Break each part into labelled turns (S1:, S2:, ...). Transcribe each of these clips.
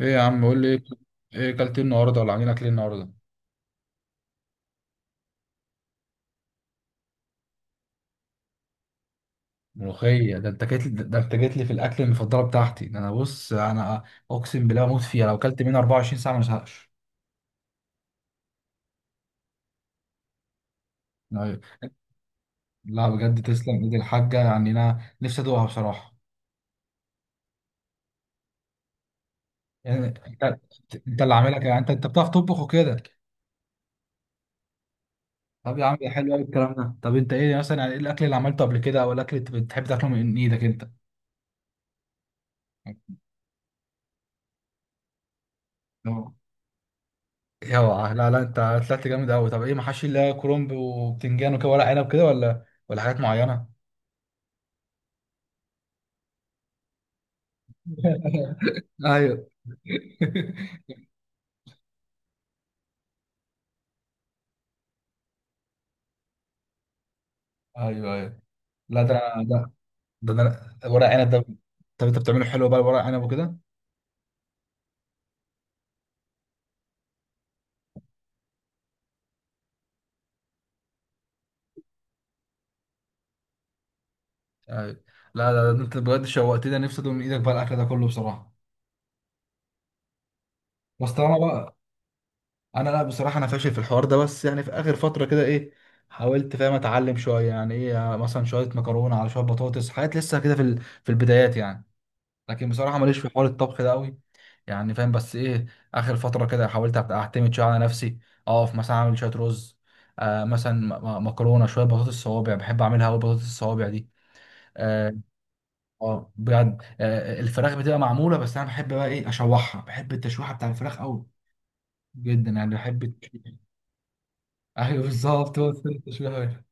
S1: ايه يا عم، قول لي ايه. ايه اكلت إيه النهارده ولا عاملين اكل إيه النهارده؟ ملوخيه؟ ده انت جيت لي في الاكل المفضله بتاعتي. ده انا، بص، انا اقسم بالله اموت فيها، لو اكلت منها 24 ساعه ما ازهقش. أيوة. لا بجد، تسلم ايد الحاجه، يعني انا نفسي ادوقها بصراحه. يعني انت، انت اللي عاملها كده؟ يعني انت بتعرف تطبخ وكده؟ طب يا عم ده حلو قوي الكلام ده. طب انت ايه مثلا، يعني ايه الاكل اللي عملته قبل كده، او الاكل اللي بتحب تاكله من ايدك؟ انت، اوعى، لا لا، انت طلعت جامد قوي. طب ايه محاشي، اللي هي كرنب وبتنجان وكده، ورق عنب كده، ولا حاجات معينه؟ ايوه. ايوه ايوه. لا ده انا، ده ده انا ورق عنب ده. طب انت بتعمله حلو بقى ورق عنب وكده؟ ايوه. لا لا، ده انت بجد شوقتني، انا نفسي ادوق من ايدك بقى الاكل ده كله بصراحه. بس طالما بقى. انا لا بصراحه انا فاشل في الحوار ده، بس يعني في اخر فتره كده ايه، حاولت، فاهم، اتعلم شويه. يعني ايه مثلا شويه مكرونه، على شويه بطاطس، حاجات لسه كده في البدايات يعني. لكن بصراحه ماليش في حوار الطبخ ده قوي. يعني فاهم، بس ايه، اخر فتره كده حاولت أبقى اعتمد شويه على نفسي. اقف مثلا اعمل شويه رز. مثلا، مكرونه، شويه بطاطس الصوابع، بحب اعملها قوي بطاطس الصوابع دي. اه. بجد الفراخ بتبقى معموله، بس انا بحب بقى ايه اشوحها، بحب التشويحه بتاع الفراخ قوي. جدا، يعني بحب التشويح. ايوه بالظبط، هو ده التشويحه بقى.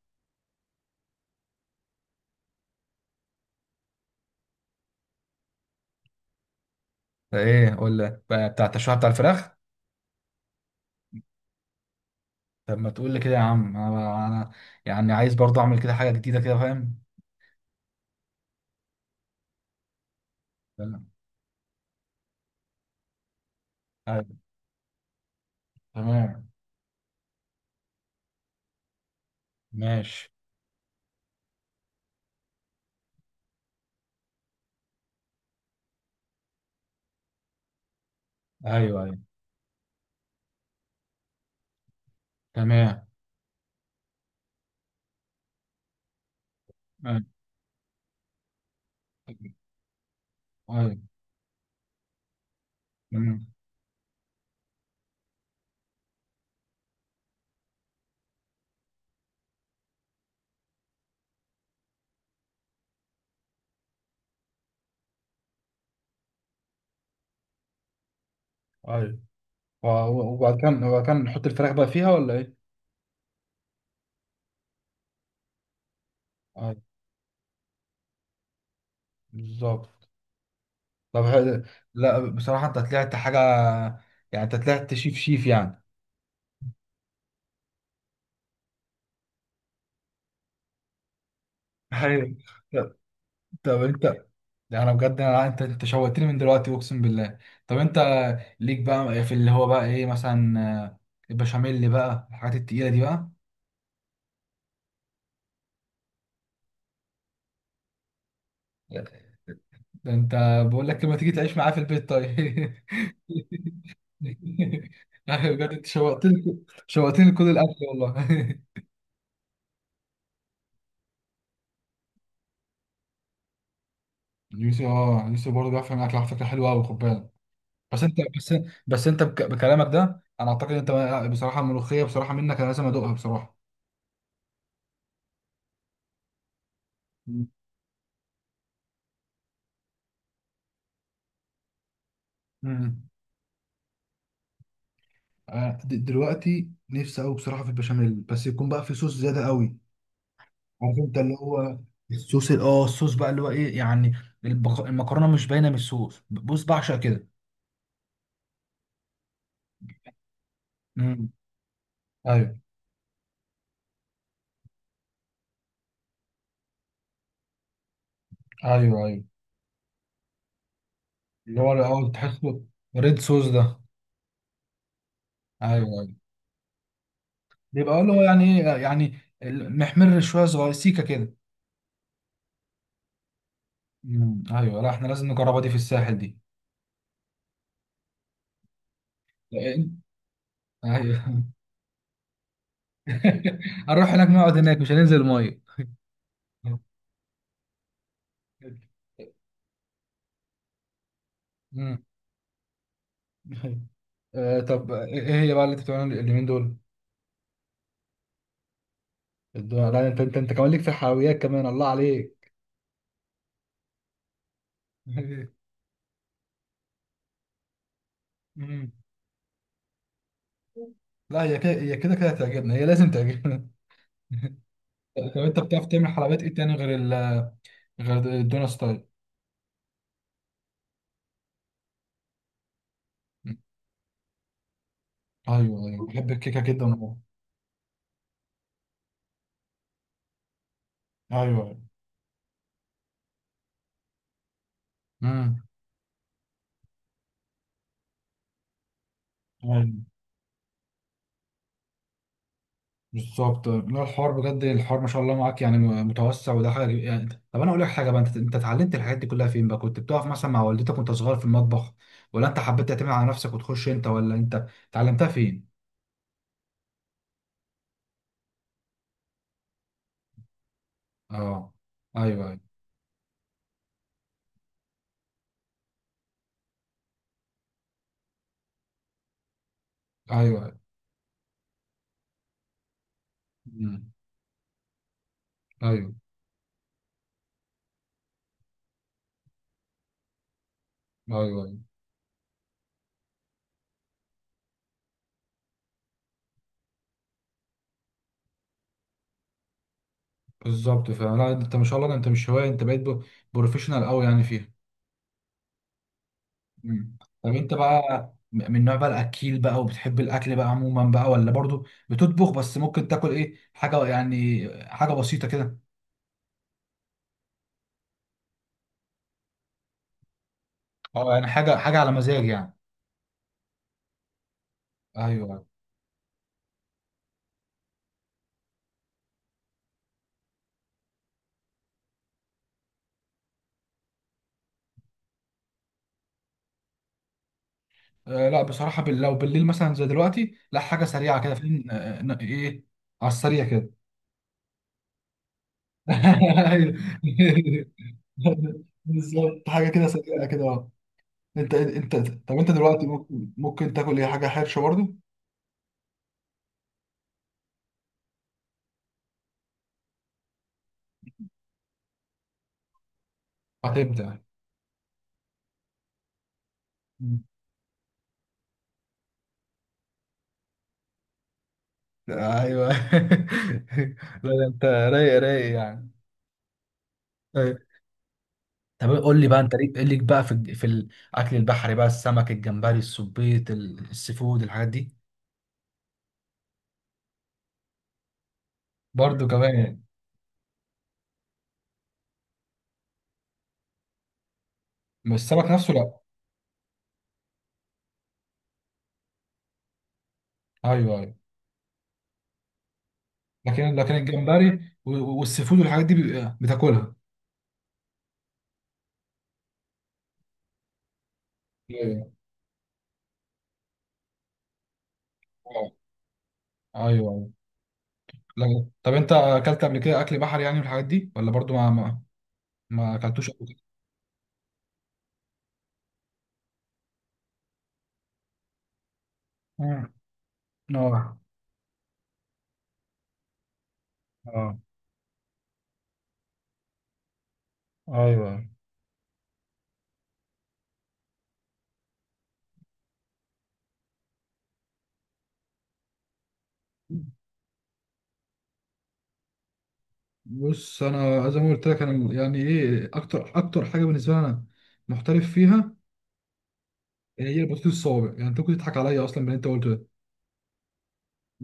S1: ده ايه، ولا بقى بتاع التشويحه بتاع الفراخ؟ طب ما تقول لي كده يا عم، انا يعني عايز برضه اعمل كده حاجه جديده كده، فاهم. تمام. ماشي. ايوه ايوه. تمام. ايوه ايوه. تمام. ايوه. وبعد كده نحط الفراخ بقى فيها ولا ايه؟ ايوه بالظبط. طب حلو. لا بصراحة انت طلعت حاجة، يعني انت طلعت شيف شيف يعني. ايوه. طب. طب انت، ده انا بجد انا، انت شوقتني من دلوقتي اقسم بالله. طب انت، ليك بقى في اللي هو بقى ايه مثلا، آه، البشاميل اللي بقى الحاجات التقيلة دي بقى؟ لا. ده انت، بقول لك لما تيجي تعيش معايا في البيت طيب. أيوة بجد انت شوقتني، شوقتني كل الاكل والله. يوسف برضه بيعرف يعمل اكل، على فكره حلوه قوي، خد بالك. بس انت، بس بس انت بكلامك ده انا اعتقد انت، بصراحه الملوخيه بصراحه منك انا لازم ادوقها بصراحه. مم. مم. دلوقتي نفسي قوي بصراحه في البشاميل، بس يكون بقى في صوص زياده قوي. عارف انت اللي هو الصوص ال- اه الصوص بقى، اللي هو ايه يعني، المكرونه مش باينه من الصوص، بص، بعشق كده. امم ايوه ايوه. ايوه اللي هو اه تحسه ريد صوص ده. ايوه. ايوه بيبقى اللي هو يعني ايه يعني، محمر شويه صغير، سيكه كده. مم. ايوه، لا احنا لازم نجربها دي في الساحل دي. لأن- ايوه، هنروح هناك نقعد هناك مش هننزل ميه. مم. طب إيه هي بقى اللي انت بتعملها اليومين دول؟ الدنيا! لا انت كمان ليك في الحلويات كمان؟ الله عليك. مم. لا هي كده هتعجبنا، هي لازم تعجبنا. طب انت بتعرف تعمل حلويات ايه تاني غير الدونا ستايل؟ ايوه ايوه بحب الكيكه جدا، ايوه. ايوه. امم. أيوة. بالظبط. لا الحوار بجد، الحوار ما شاء الله معاك، يعني متوسع، وده حاجه يعني. طب انا اقول لك حاجه بقى، انت اتعلمت الحاجات دي كلها فين بقى؟ كنت بتقف مثلا مع والدتك وانت صغير في المطبخ، ولا انت حبيت تعتمد على نفسك وتخش انت، ولا انت اتعلمتها فين؟ اه. ايوه ايوه. ايوه. أيوة. مم. ايوه ايوه, أيوة. بالظبط. فعلا لا، انت ما شاء الله، ده انت مش هوايه، انت بقيت بروفيشنال قوي يعني فيها. مم. طب انت بقى، من نوع بقى الاكيل بقى، وبتحب الاكل بقى عموما بقى، ولا برضو بتطبخ بس، ممكن تاكل ايه حاجه يعني حاجه بسيطه كده؟ اه يعني حاجه حاجه على مزاج يعني. ايوه. لا بصراحه لو بالليل مثلا زي دلوقتي، لا حاجه سريعه كده، فين ايه، على السريع كده. ايوه. بالظبط، حاجه كده سريعه كده، اه. انت طب انت دلوقتي ممكن تاكل ايه حاجه حرشه برضو؟ هتبدأ. ايوه. لا ده انت رايق رايق يعني. أيوة. طب قول لي بقى، انت ليك بقى في الاكل البحري بقى، السمك، الجمبري، السبيط، ال- السيفود، الحاجات دي؟ برضه كمان يعني. مش السمك نفسه، لا. ايوه ايوه. لكن الجمبري والسيفود والحاجات دي بتاكلها؟ ايوه. آه. ايوه ايوه. لا طب انت اكلت قبل كده اكل بحري يعني والحاجات دي، ولا برضه ما, ما اكلتوش قبل كده؟ مم. اه. اه. ايوه. بص انا زي ما قلت لك انا، يعني ايه اكتر، اكتر حاجه بالنسبه لي انا محترف فيها هي البطاطس الصوابع. يعني انت كنت تضحك عليا اصلا من اللي انت قلته ده.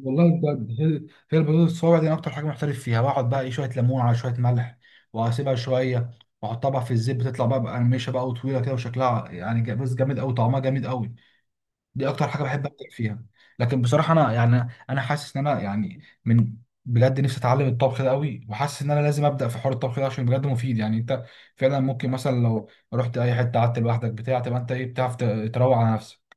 S1: والله بجد هي البطاطس الصوابع دي انا اكتر حاجه محترف فيها. بقعد بقى ايه، شويه ليمون على شويه ملح، واسيبها شويه، واحطها بقى في الزيت، بتطلع بقى مقرمشه بقى وطويله كده، وشكلها يعني بص جامد قوي، طعمها جامد قوي. دي اكتر حاجه بحب ابدع فيها. لكن بصراحه انا يعني انا حاسس ان انا يعني من، بجد نفسي اتعلم الطبخ ده قوي، وحاسس ان انا لازم ابدا في حوار الطبخ ده عشان بجد مفيد، يعني انت فعلا ممكن مثلا لو رحت اي حته قعدت لوحدك بتاع، تبقى انت ايه، بتعرف تروق على نفسك.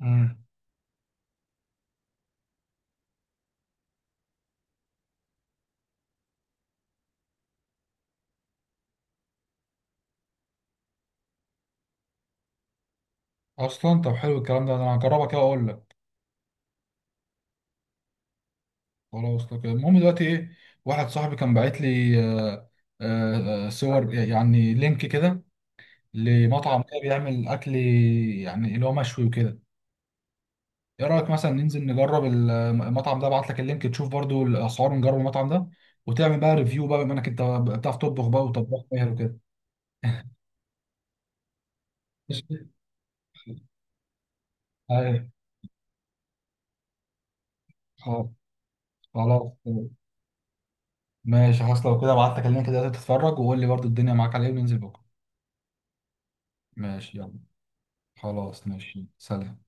S1: امم. اصلا طب حلو الكلام ده، انا هجربها كده واقول لك. خلاص لو كده. المهم دلوقتي ايه، واحد صاحبي كان باعت لي صور، يعني لينك كده، لمطعم كده بيعمل اكل يعني اللي هو مشوي وكده. ايه رايك مثلا ننزل نجرب المطعم ده؟ ابعت لك اللينك تشوف برضو الاسعار، ونجرب المطعم ده، وتعمل بقى ريفيو بقى بما انك انت بتعرف تطبخ بقى، وطباخ ماهر وكده. ماشي. ايوه. خلاص. خلاص. ماشي خلاص، لو كده ابعت لك اللينك ده تتفرج، وقول لي برضو الدنيا معاك على ايه، وننزل بكره. ماشي، يلا. خلاص ماشي، سلام.